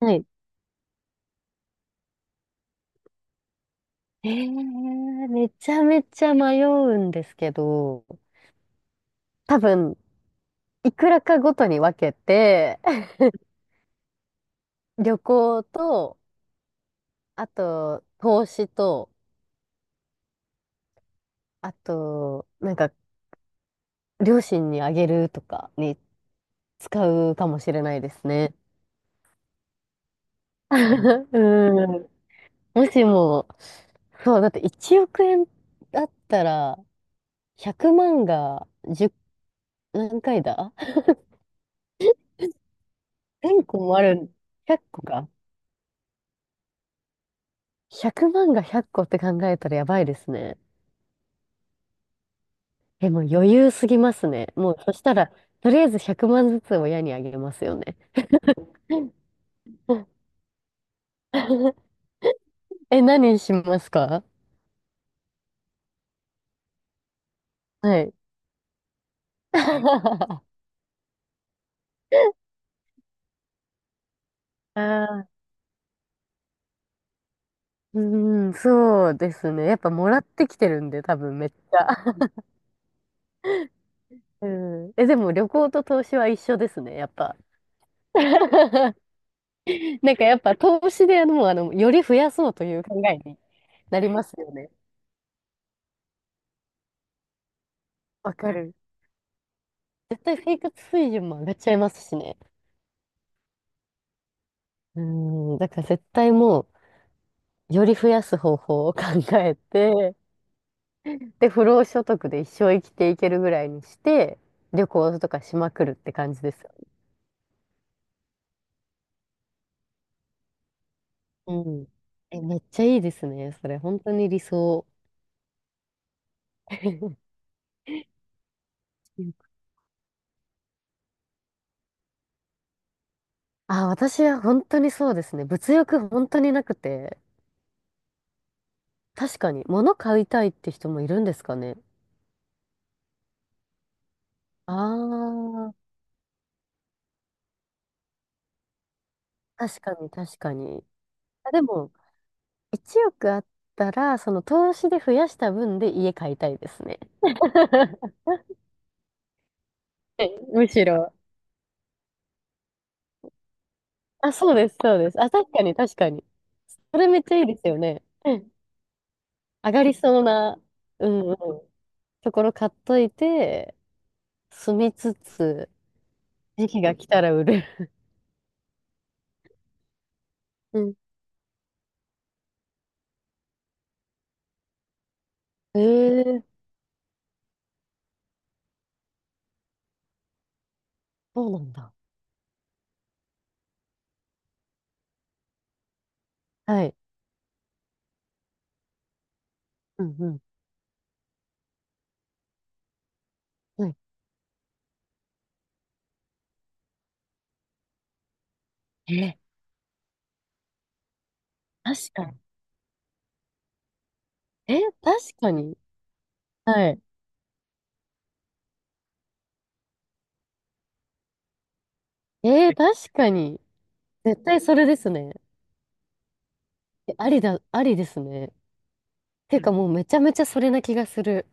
はい。めちゃめちゃ迷うんですけど、多分、いくらかごとに分けて、旅行と、あと、投資と、あと、なんか、両親にあげるとかに使うかもしれないですね。うん。もしも、そう、だって1億円だったら、100万が1、何回だ、1個 もある、100個か。100万が100個っこって考えたらやばいですね。え、もう余裕すぎますね。もうそしたら、とりあえず100万ずつ親にあげますよね。え、何しますか？はい。ああ、うん、そうですね。やっぱもらってきてるんで、多分めっちゃ。うん。え、でも旅行と投資は一緒ですね、やっぱ。なんかやっぱ投資でもうより増やそうという考えになりますよね。わかる。絶対生活水準も上がっちゃいますしね。うん、だから絶対もう、より増やす方法を考えて、で、不労所得で一生生きていけるぐらいにして、旅行とかしまくるって感じですよ。うん。え、めっちゃいいですね。それ、本当に理想。あ、私は本当にそうですね。物欲本当になくて、確かに、物買いたいって人もいるんですかね。ああ、確かに確かに。あ、でも、1億あったら、その投資で増やした分で家買いたいですね。はい、むしろ。あ、そうです、そうです。あ、確かに、確かに。それめっちゃいいですよね。うん。上がりそうな、うんうん、ところ買っといて、住みつつ、時期が来たら売る。うん。ええ、そうなんだ。はい。うんうん。はい。えー、確かに。えー、確かに。はい。えー、確かに。絶対それですね。え、ありだ、ありですね。ていうかもうめちゃめちゃそれな気がする。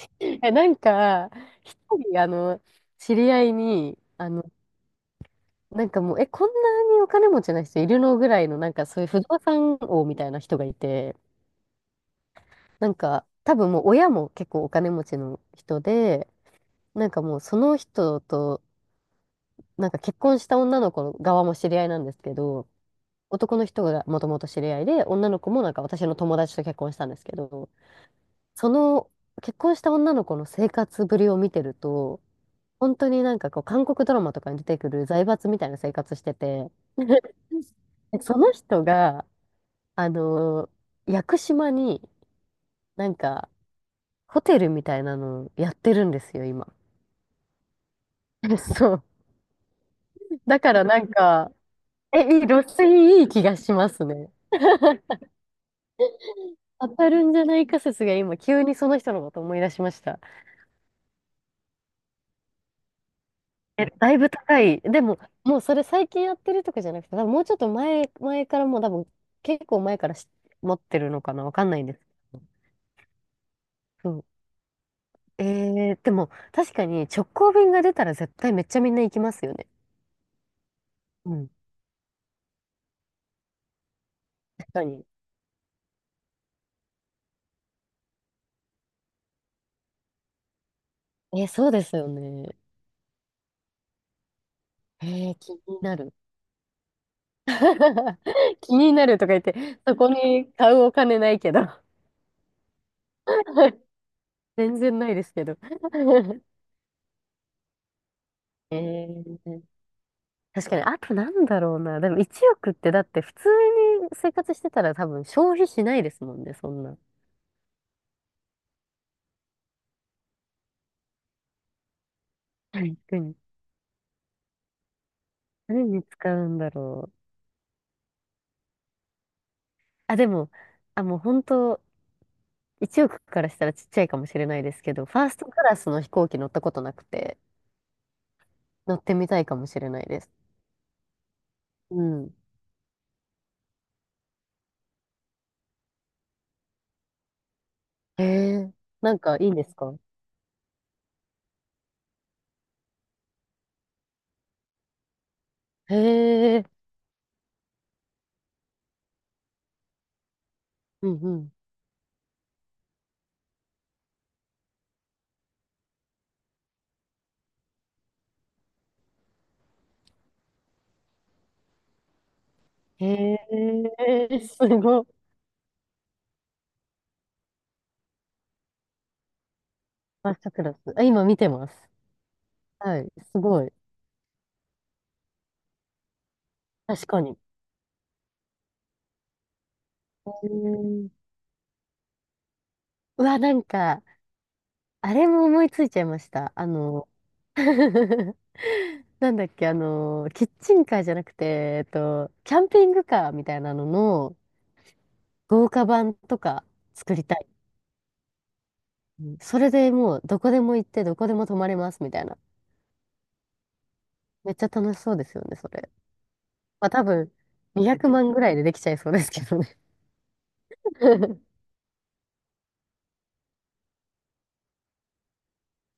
え、なんか、一人、知り合いに、なんかもう、え、こんなにお金持ちな人いるのぐらいの、なんかそういう不動産王みたいな人がいて、なんか、多分もう親も結構お金持ちの人で、なんかもうその人と、なんか結婚した女の子の側も知り合いなんですけど、男の人がもともと知り合いで、女の子もなんか私の友達と結婚したんですけど、その結婚した女の子の生活ぶりを見てると、本当になんかこう、韓国ドラマとかに出てくる財閥みたいな生活してて、その人が、あのー屋久島になんか、ホテルみたいなのやってるんですよ、今。そう。だからなんか、え、いい、露水、いい気がしますね。当たるんじゃないか説が今、急にその人のこと思い出しました。え、だいぶ高い。でも、もうそれ最近やってるとかじゃなくて、多分もうちょっと前からもう多分、結構前からし持ってるのかな、わかんないんです。そう、えでも確かに直行便が出たら絶対めっちゃみんな行きますよね。うん。確かに。えー、そうですよね。えー、気になる。気になるとか言って、そこに買うお金ないけど。全然ないですけど。えー、確かに、あとなんだろうな。でも1億ってだって普通に生活してたら多分消費しないですもんね、そんな。はい。うん。何に使うんだろう。あ、でも、あ、もう本当1億からしたらちっちゃいかもしれないですけど、ファーストクラスの飛行機乗ったことなくて、乗ってみたいかもしれないです。うん。へえ、なんかいいんですか？へえ、うんうん。へえ、すごい。ファーストクラス。あ、今見てます。はい、すごい。確かに。へえ。うわ、なんか、あれも思いついちゃいました。なんだっけ、キッチンカーじゃなくて、キャンピングカーみたいなのの豪華版とか作りたい。うん。それでもうどこでも行ってどこでも泊まれますみたいな。めっちゃ楽しそうですよね、それ。まあ多分200万ぐらいでできちゃいそうですけどね。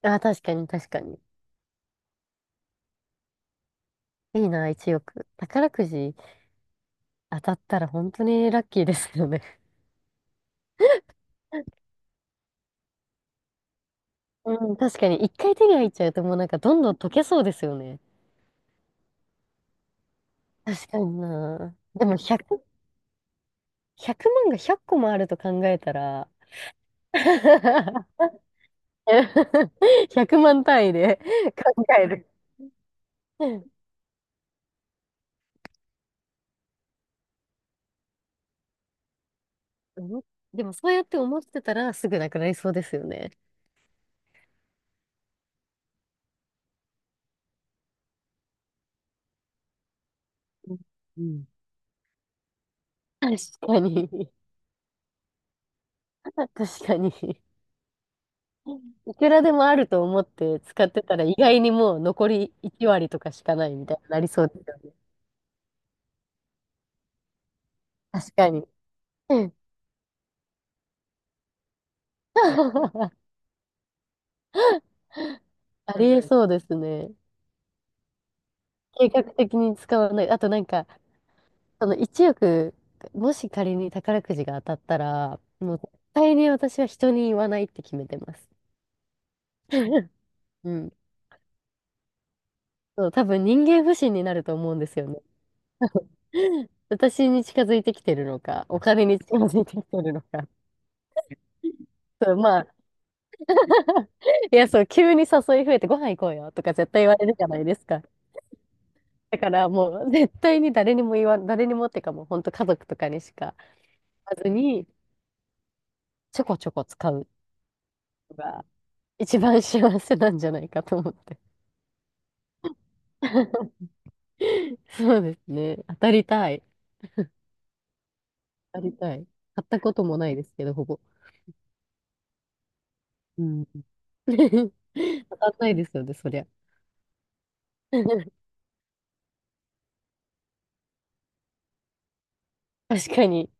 あ、確かに確かに。いいな、1億。宝くじ当たったら本当にラッキーですよね。うん、確かに一回手に入っちゃうともうなんかどんどん溶けそうですよね。確かにな。でも100、100万が100個もあると考えたら100万 単位で考える。思っでもそうやって思ってたらすぐなくなりそうですよね。うんうん、確かに。確かに。いくらでもあると思って使ってたら意外にもう残り1割とかしかないみたいになりそうですよね。確かに。うん。 ありえそうですね。計画的に使わない。あとなんか、その1億、もし仮に宝くじが当たったら、もう絶対に私は人に言わないって決めてます。うん。そう、多分人間不信になると思うんですよね。私に近づいてきてるのか、お金に近づいてきてるのか。そう、まあ、いや、そう、急に誘い増えてご飯行こうよとか絶対言われるじゃないですか。だからもう 絶対に誰にもっていうかもう本当家族とかにしか言わずに、ちょこちょこ使うのが一番幸せなんじゃないかと思って。そうですね。当たりたい。当たりたい。買ったこともないですけど、ほぼ。うん。 当たんないですよね、そりゃ。確かに。